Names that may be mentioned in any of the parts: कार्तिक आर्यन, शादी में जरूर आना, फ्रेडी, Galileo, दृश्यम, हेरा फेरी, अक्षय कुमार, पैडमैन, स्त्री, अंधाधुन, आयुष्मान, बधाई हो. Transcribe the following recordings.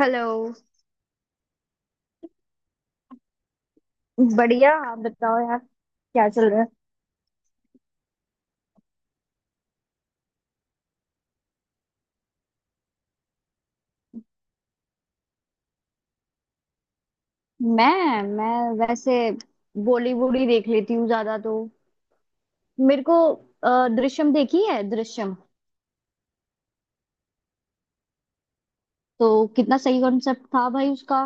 Hello. बढ़िया। आप बताओ यार, क्या चल रहा है। मैं वैसे बॉलीवुड ही देख लेती हूँ ज्यादा तो। मेरे को दृश्यम देखी है, दृश्यम। तो कितना सही कॉन्सेप्ट था भाई उसका।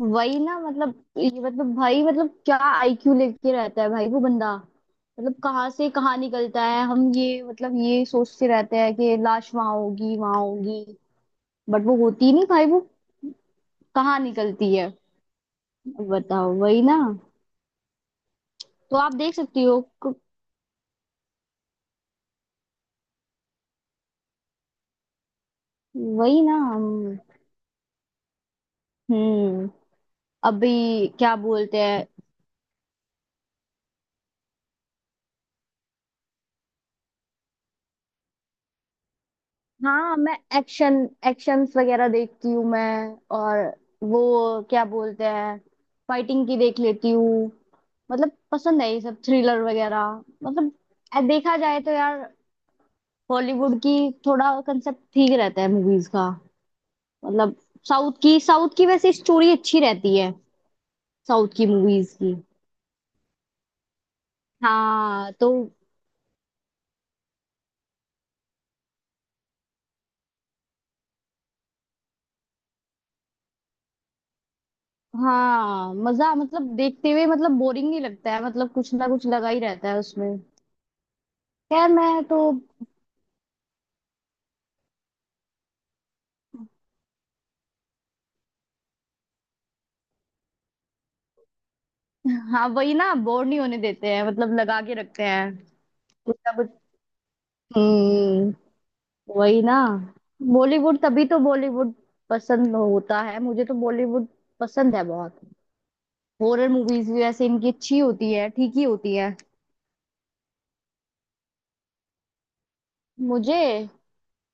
वही ना, मतलब ये, मतलब भाई, मतलब क्या आईक्यू लेके रहता है भाई वो बंदा, मतलब कहाँ से कहाँ निकलता है। हम ये, मतलब ये सोचते रहते हैं कि लाश वहां होगी वहां होगी। बट वो होती नहीं भाई, वो कहाँ निकलती है। बताओ, वही ना। तो आप देख सकती हो वही ना। हम हम्म। अभी क्या बोलते हैं। हाँ, मैं एक्शन, एक्शंस वगैरह देखती हूँ मैं। और वो क्या बोलते हैं, फाइटिंग की देख लेती हूँ। मतलब पसंद है ये सब, थ्रिलर वगैरह, मतलब। देखा जाए तो यार, हॉलीवुड की थोड़ा कंसेप्ट ठीक रहता है मूवीज का। मतलब साउथ की, साउथ की वैसे स्टोरी अच्छी रहती है। साउथ की मूवीज की। हाँ तो। हाँ, मजा, मतलब देखते हुए मतलब बोरिंग नहीं लगता है, मतलब कुछ ना कुछ लगा ही रहता है उसमें। खैर मैं तो। हाँ वही ना, बोर नहीं होने देते हैं, मतलब लगा के रखते हैं। कुछ ना कुछ। हम्म। वही ना। बॉलीवुड, तभी तो बॉलीवुड पसंद होता है, मुझे तो बॉलीवुड पसंद है बहुत। हॉरर मूवीज भी वैसे इनकी अच्छी होती है, ठीक ही होती है। मुझे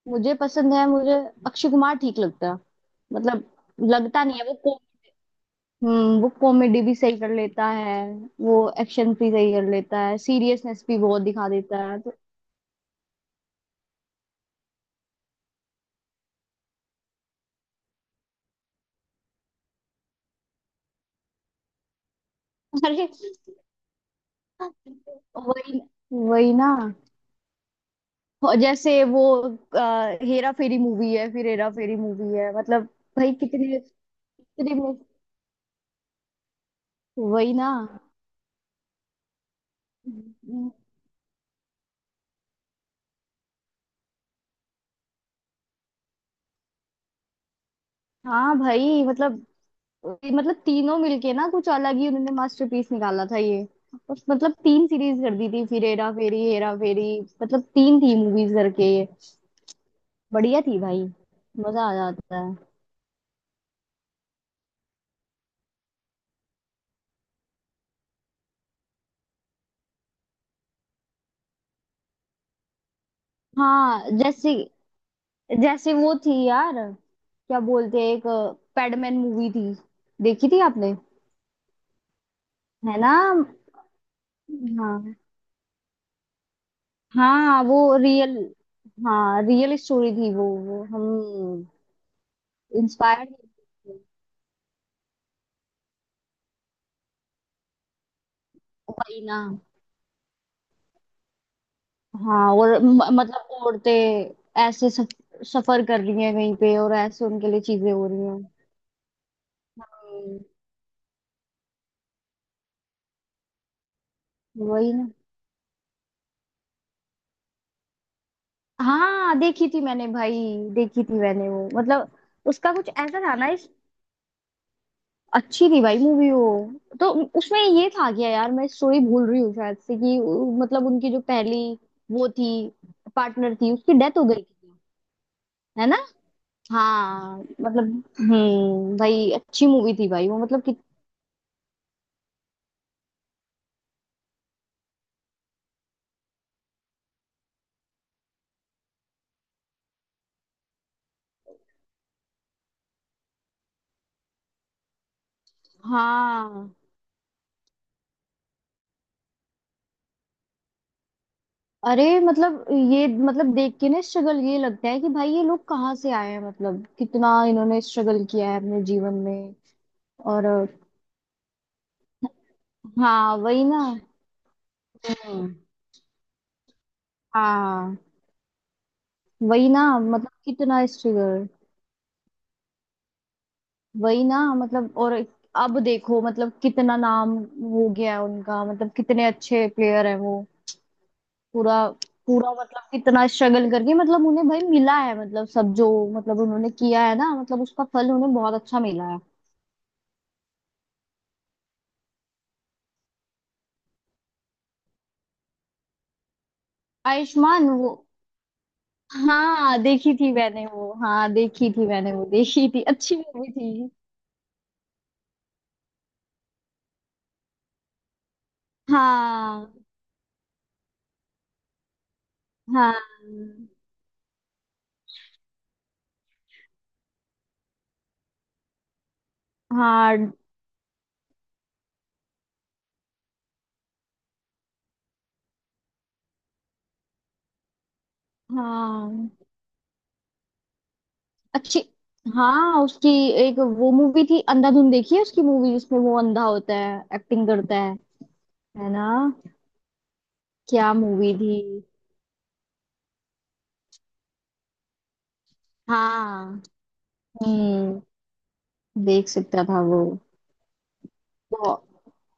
मुझे पसंद है, मुझे अक्षय कुमार ठीक लगता है। मतलब लगता नहीं है वो। वो कॉमेडी भी सही कर लेता है, वो एक्शन भी सही कर लेता है, सीरियसनेस भी बहुत दिखा देता है तो। अरे, वही, वही ना। और जैसे वो हेरा फेरी मूवी है, फिर हेरा फेरी मूवी है, मतलब। भाई कितने, कितने वही ना। हाँ भाई, मतलब तीनों मिलके ना कुछ अलग ही उन्होंने मास्टरपीस निकाला था ये। और मतलब तीन सीरीज कर दी थी, फिर हेरा फेरी, हेरा फेरी, मतलब तीन थी मूवीज करके ये। बढ़िया थी भाई। मजा आ जाता है। हाँ जैसे, जैसे वो थी यार, क्या बोलते हैं, एक पैडमैन मूवी थी। देखी थी आपने? है ना। हाँ, हाँ वो रियल। हाँ, रियल स्टोरी थी वो हम इंस्पायर। वही ना। हाँ, और मतलब औरतें ऐसे सफर कर रही हैं कहीं पे, और ऐसे उनके लिए चीजें हो रही हैं। हम्म। वही ना। हाँ देखी थी मैंने भाई, देखी थी मैंने वो, मतलब उसका कुछ ऐसा था ना, इस। अच्छी थी भाई मूवी वो, तो उसमें ये था क्या यार, मैं स्टोरी भूल रही हूँ शायद, से कि मतलब उनकी जो पहली वो थी पार्टनर थी, उसकी डेथ हो गई थी। है ना। हाँ मतलब। भाई अच्छी मूवी थी भाई वो, मतलब कि। हाँ। अरे मतलब ये, मतलब देख के ना स्ट्रगल, ये लगता है कि भाई ये लोग कहाँ से आए हैं, मतलब कितना इन्होंने स्ट्रगल किया है अपने जीवन में। और। हाँ वही ना। हम्म। हाँ वही ना, मतलब कितना स्ट्रगल। वही ना मतलब। और अब देखो मतलब कितना नाम हो गया है उनका, मतलब कितने अच्छे प्लेयर है वो। पूरा, पूरा मतलब कितना स्ट्रगल करके, मतलब उन्हें भाई मिला है, मतलब सब जो, मतलब उन्होंने किया है ना, मतलब उसका फल उन्हें बहुत अच्छा मिला है। आयुष्मान वो। हाँ देखी थी मैंने वो, हाँ देखी थी मैंने वो, देखी थी, अच्छी मूवी थी। हाँ हाँ हाँ हाँ। अच्छी। हाँ उसकी एक वो मूवी थी, अंधाधुन देखी है उसकी मूवी, जिसमें वो अंधा होता है, एक्टिंग करता है। है ना। क्या मूवी थी। हाँ। हम्म। देख सकता था वो। बहुत,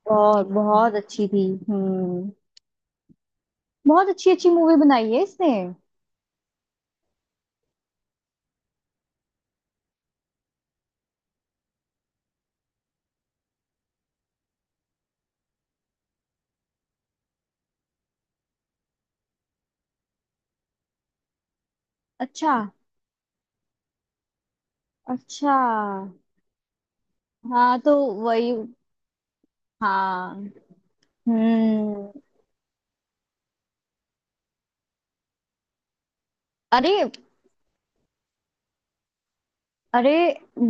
बहुत बहुत अच्छी थी। हम्म। बहुत अच्छी अच्छी मूवी बनाई है इसने। अच्छा। अच्छा, हाँ तो वही। हाँ। हम्म। अरे, अरे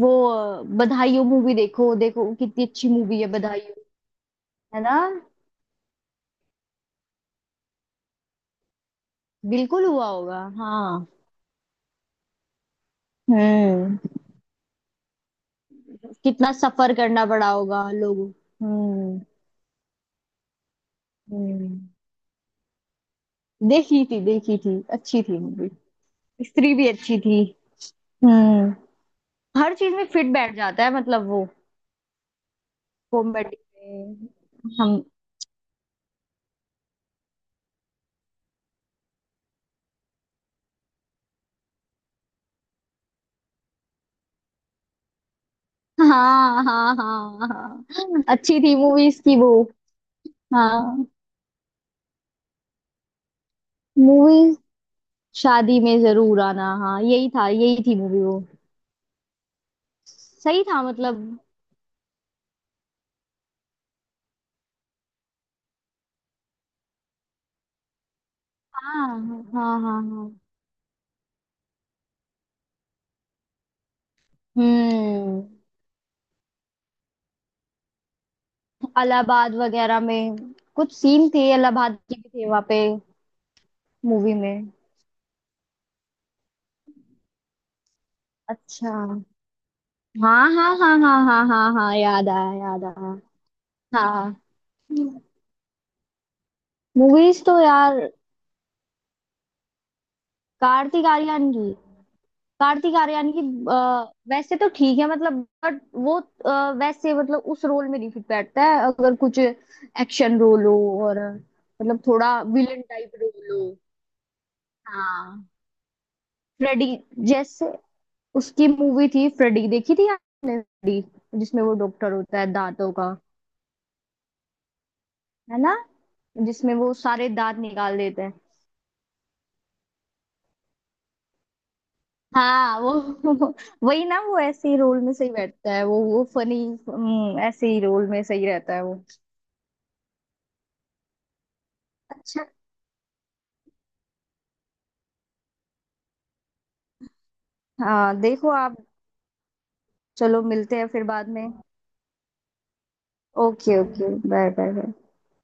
वो बधाई हो मूवी, देखो देखो कितनी अच्छी मूवी है, बधाई। है ना। बिल्कुल हुआ होगा हाँ। हम्म। कितना सफर करना पड़ा होगा लोगों। हम्म। हम्म, देखी थी, देखी थी, अच्छी थी मूवी। स्त्री भी अच्छी थी। हम्म। हर चीज में फिट बैठ जाता है मतलब वो, कॉमेडी में। हम। हाँ हाँ हाँ हाँ, अच्छी थी मूवीज की वो। हाँ। मूवी। शादी में जरूर आना, हाँ यही था, यही थी मूवी वो। सही था मतलब। हाँ हाँ हाँ हाँ। हम्म। इलाहाबाद वगैरह में कुछ सीन थे, इलाहाबाद की भी थे वहां पे, मूवी में। अच्छा। हाँ हाँ हाँ हाँ हाँ हाँ हाँ, याद आया, याद आया। हाँ। मूवीज तो यार, कार्तिक आर्यन की, कार्तिक आर्यन की वैसे तो ठीक है मतलब। बट वो वैसे मतलब उस रोल में नहीं फिट बैठता है, अगर कुछ एक्शन रोल हो, और मतलब थोड़ा विलन टाइप रोल हो। हाँ। फ्रेडी, जैसे उसकी मूवी थी फ्रेडी, देखी थी आपने फ्रेडी, जिसमें वो डॉक्टर होता है दांतों का। है ना। जिसमें वो सारे दांत निकाल देते हैं। हाँ वो। वही ना, वो ऐसे ही रोल में सही बैठता है, वो फनी, ऐसे ही रोल में सही रहता है वो। अच्छा। हाँ देखो आप। चलो मिलते हैं फिर बाद में। Okay, okay, bye bye bye.